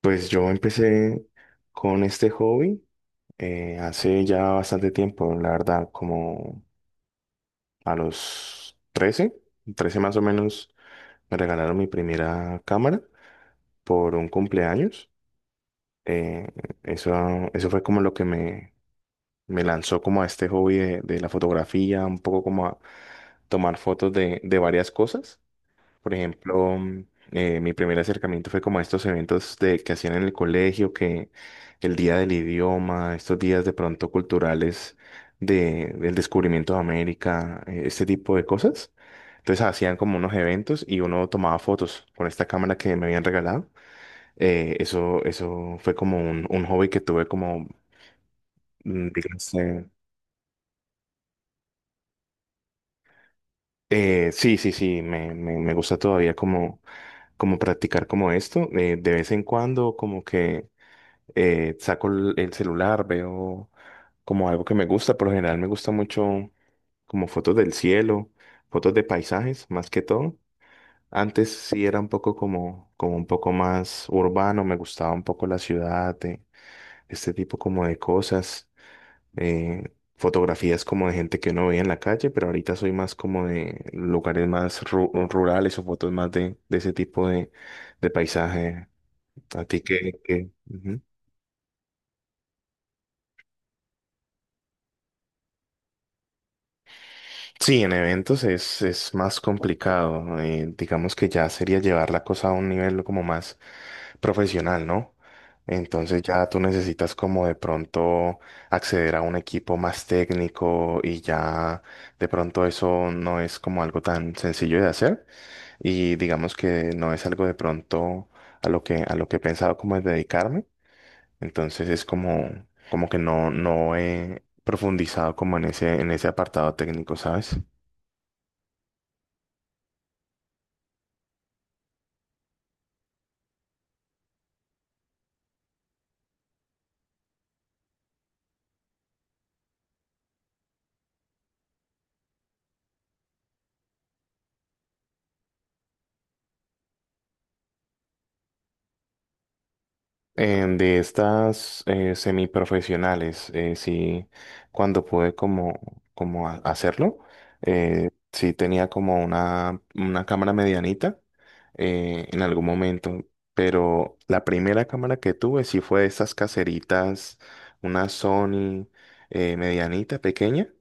Pues yo empecé con este hobby hace ya bastante tiempo, la verdad, como a los trece más o menos, me regalaron mi primera cámara por un cumpleaños. Eh, eso, eso fue como lo que me lanzó como a este hobby de la fotografía, un poco como a tomar fotos de varias cosas. Por ejemplo, mi primer acercamiento fue como a estos eventos que hacían en el colegio, que el día del idioma, estos días de pronto culturales del descubrimiento de América, este tipo de cosas. Entonces hacían como unos eventos y uno tomaba fotos con esta cámara que me habían regalado. Eso fue como un hobby que tuve como, dígase, sí, sí, sí, me gusta todavía como, como practicar como esto. De vez en cuando como que saco el celular, veo como algo que me gusta. Por lo general me gusta mucho como fotos del cielo, fotos de paisajes, más que todo. Antes sí era un poco como un poco más urbano, me gustaba un poco la ciudad, este tipo como de cosas, eh, fotografías como de gente que uno veía en la calle, pero ahorita soy más como de lugares más rurales o fotos más de ese tipo de paisaje. A ti que Sí, en eventos es más complicado. Digamos que ya sería llevar la cosa a un nivel como más profesional, ¿no? Entonces ya tú necesitas como de pronto acceder a un equipo más técnico y ya de pronto eso no es como algo tan sencillo de hacer y digamos que no es algo de pronto a lo que he pensado como es dedicarme. Entonces es como que no he profundizado como en ese apartado técnico, ¿sabes? De estas semiprofesionales, sí, cuando pude como hacerlo, sí tenía como una cámara medianita en algún momento, pero la primera cámara que tuve sí fue de esas caseritas, una Sony medianita, pequeña,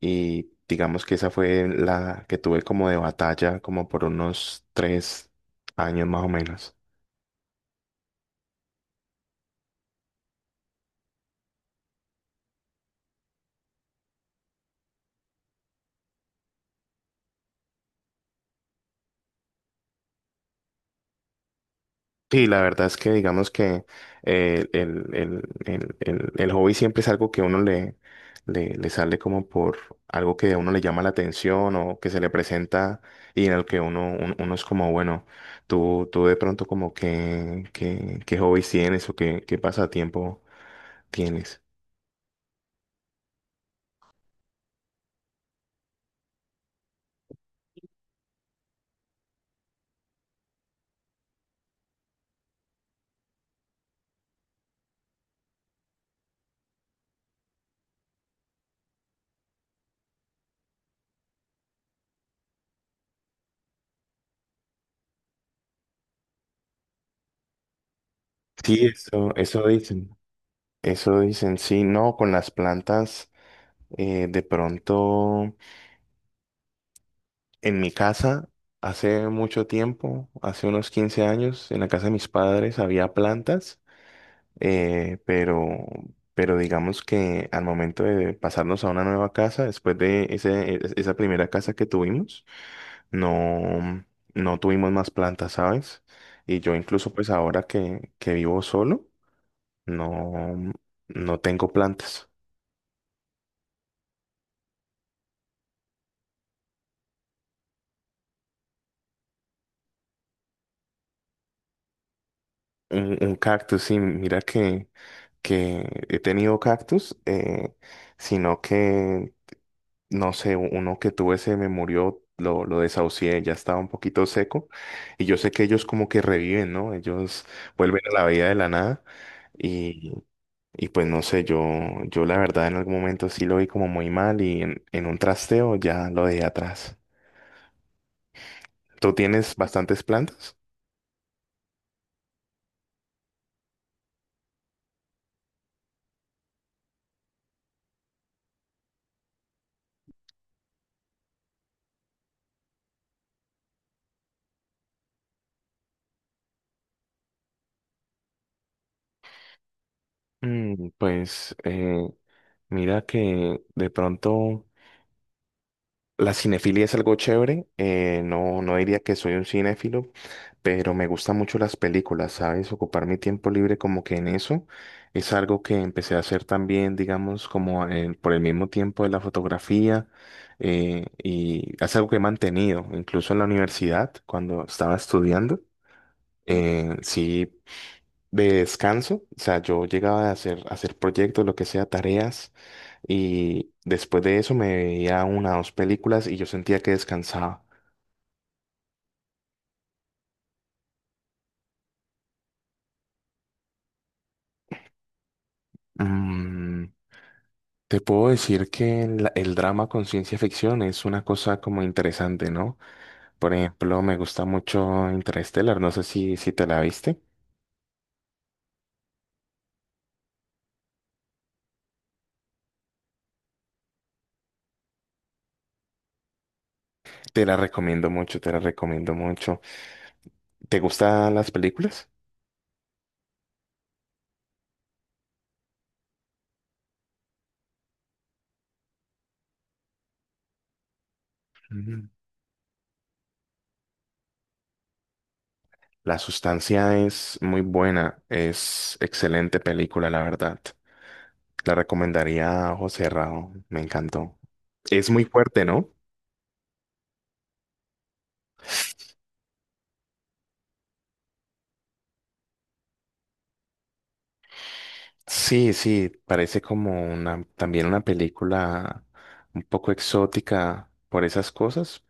y digamos que esa fue la que tuve como de batalla, como por unos tres años más o menos. Sí, la verdad es que digamos que el hobby siempre es algo que uno le sale como por algo que a uno le llama la atención o que se le presenta y en el que uno es como, bueno, tú de pronto como que qué hobbies tienes o qué pasatiempo tienes. Sí, eso dicen. Eso dicen, sí, no, con las plantas de pronto. En mi casa, hace mucho tiempo, hace unos 15 años, en la casa de mis padres había plantas, eh, pero, pero digamos que al momento de pasarnos a una nueva casa, después de esa primera casa que tuvimos, no, no tuvimos más plantas, ¿sabes? Y yo incluso pues ahora que vivo solo, no, no tengo plantas. Un cactus, sí, mira que he tenido cactus, sino que, no sé, uno que tuve se me murió, lo desahucié, ya estaba un poquito seco, y yo sé que ellos como que reviven, ¿no? Ellos vuelven a la vida de la nada, y, y pues no sé, yo la verdad en algún momento sí lo vi como muy mal, y en un trasteo ya lo dejé atrás. ¿Tú tienes bastantes plantas? Pues mira que de pronto. La cinefilia es algo chévere, no, no diría que soy un cinéfilo, pero me gustan mucho las películas, ¿sabes? Ocupar mi tiempo libre como que en eso es algo que empecé a hacer también, digamos, como por el mismo tiempo de la fotografía, y es algo que he mantenido, incluso en la universidad, cuando estaba estudiando, sí, de descanso, o sea, yo llegaba a hacer, proyectos, lo que sea, tareas. Y después de eso me veía una o dos películas y yo sentía que descansaba. Mm, Te puedo decir que el drama con ciencia ficción es una cosa como interesante, ¿no? Por ejemplo, me gusta mucho Interstellar, no sé si te la viste. Te la recomiendo mucho, te la recomiendo mucho. ¿Te gustan las películas? Mm. La Sustancia es muy buena, es excelente película, la verdad. La recomendaría a ojo cerrado, me encantó. Es muy fuerte, ¿no? Sí, sí, parece como una, también una película un poco exótica por esas cosas.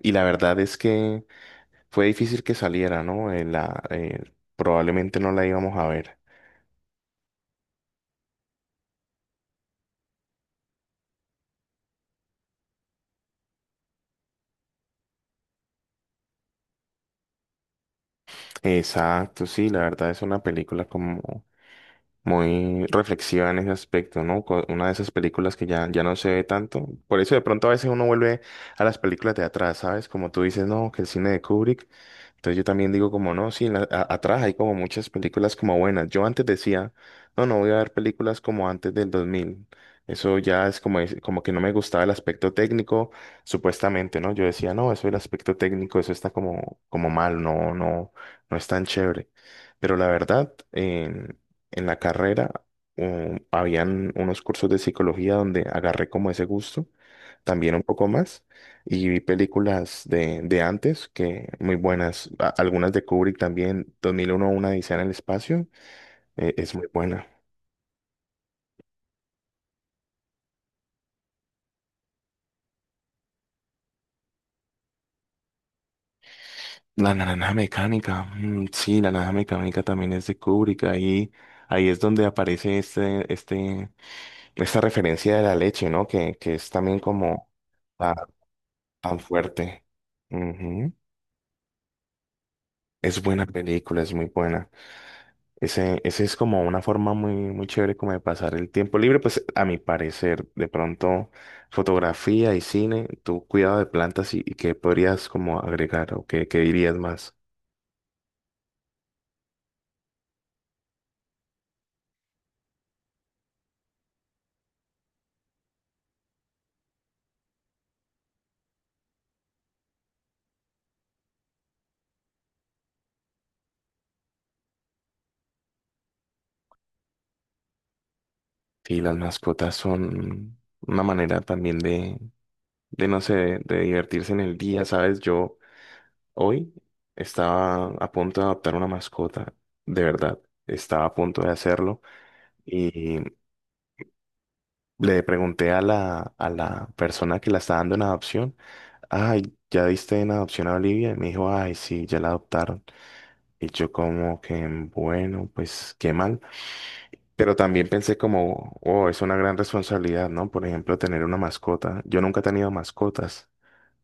Y la verdad es que fue difícil que saliera, ¿no? Probablemente no la íbamos a ver. Exacto, sí, la verdad es una película como muy reflexiva en ese aspecto, ¿no? Una de esas películas que ya, ya no se ve tanto. Por eso de pronto a veces uno vuelve a las películas de atrás, ¿sabes? Como tú dices, no, que el cine de Kubrick. Entonces yo también digo como, no, sí, atrás hay como muchas películas como buenas. Yo antes decía, no, no voy a ver películas como antes del 2000. Eso ya es como, como que no me gustaba el aspecto técnico, supuestamente, ¿no? Yo decía, no, eso el aspecto técnico, eso está como, como mal, no, no, no es tan chévere. Pero la verdad, en la carrera habían unos cursos de psicología donde agarré como ese gusto, también un poco más, y vi películas de antes que muy buenas, algunas de Kubrick también, 2001 una odisea en el espacio, es muy buena. La Naranja Mecánica, sí, la Naranja Mecánica también es de Kubrick, ahí es donde aparece esta referencia de la leche, ¿no? Que es también como ta- tan, fuerte. Ujú. Es buena película, es muy buena. Ese es como una forma muy, muy chévere como de pasar el tiempo libre, pues a mi parecer, de pronto fotografía y cine, tu cuidado de plantas y qué podrías como agregar o qué dirías más. Sí, las mascotas son una manera también de no sé, de divertirse en el día, ¿sabes? Yo hoy estaba a punto de adoptar una mascota, de verdad, estaba a punto de hacerlo. Y le pregunté a la, persona que la está dando en adopción, ay, ¿ya diste en adopción a Olivia? Y me dijo, ay, sí, ya la adoptaron. Y yo como que, bueno, pues qué mal. Pero también pensé como, oh, es una gran responsabilidad, ¿no? Por ejemplo, tener una mascota. Yo nunca he tenido mascotas.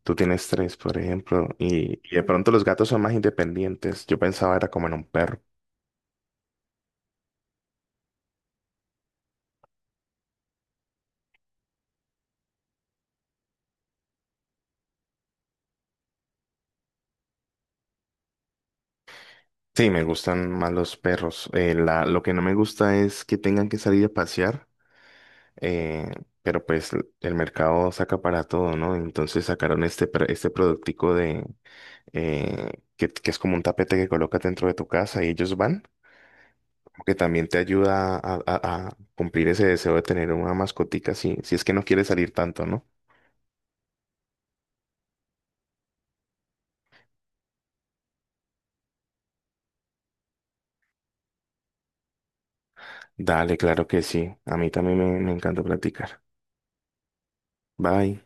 Tú tienes tres, por ejemplo, y de pronto los gatos son más independientes. Yo pensaba era como en un perro. Sí, me gustan más los perros. Lo que no me gusta es que tengan que salir a pasear. eh, pero pues el mercado saca para todo, ¿no? Entonces sacaron este productico de, eh, que es como un tapete que colocas dentro de tu casa y ellos van, como que también te ayuda a, a cumplir ese deseo de tener una mascotica, si es que no quieres salir tanto, ¿no? Dale, claro que sí. A mí también me encanta platicar. Bye.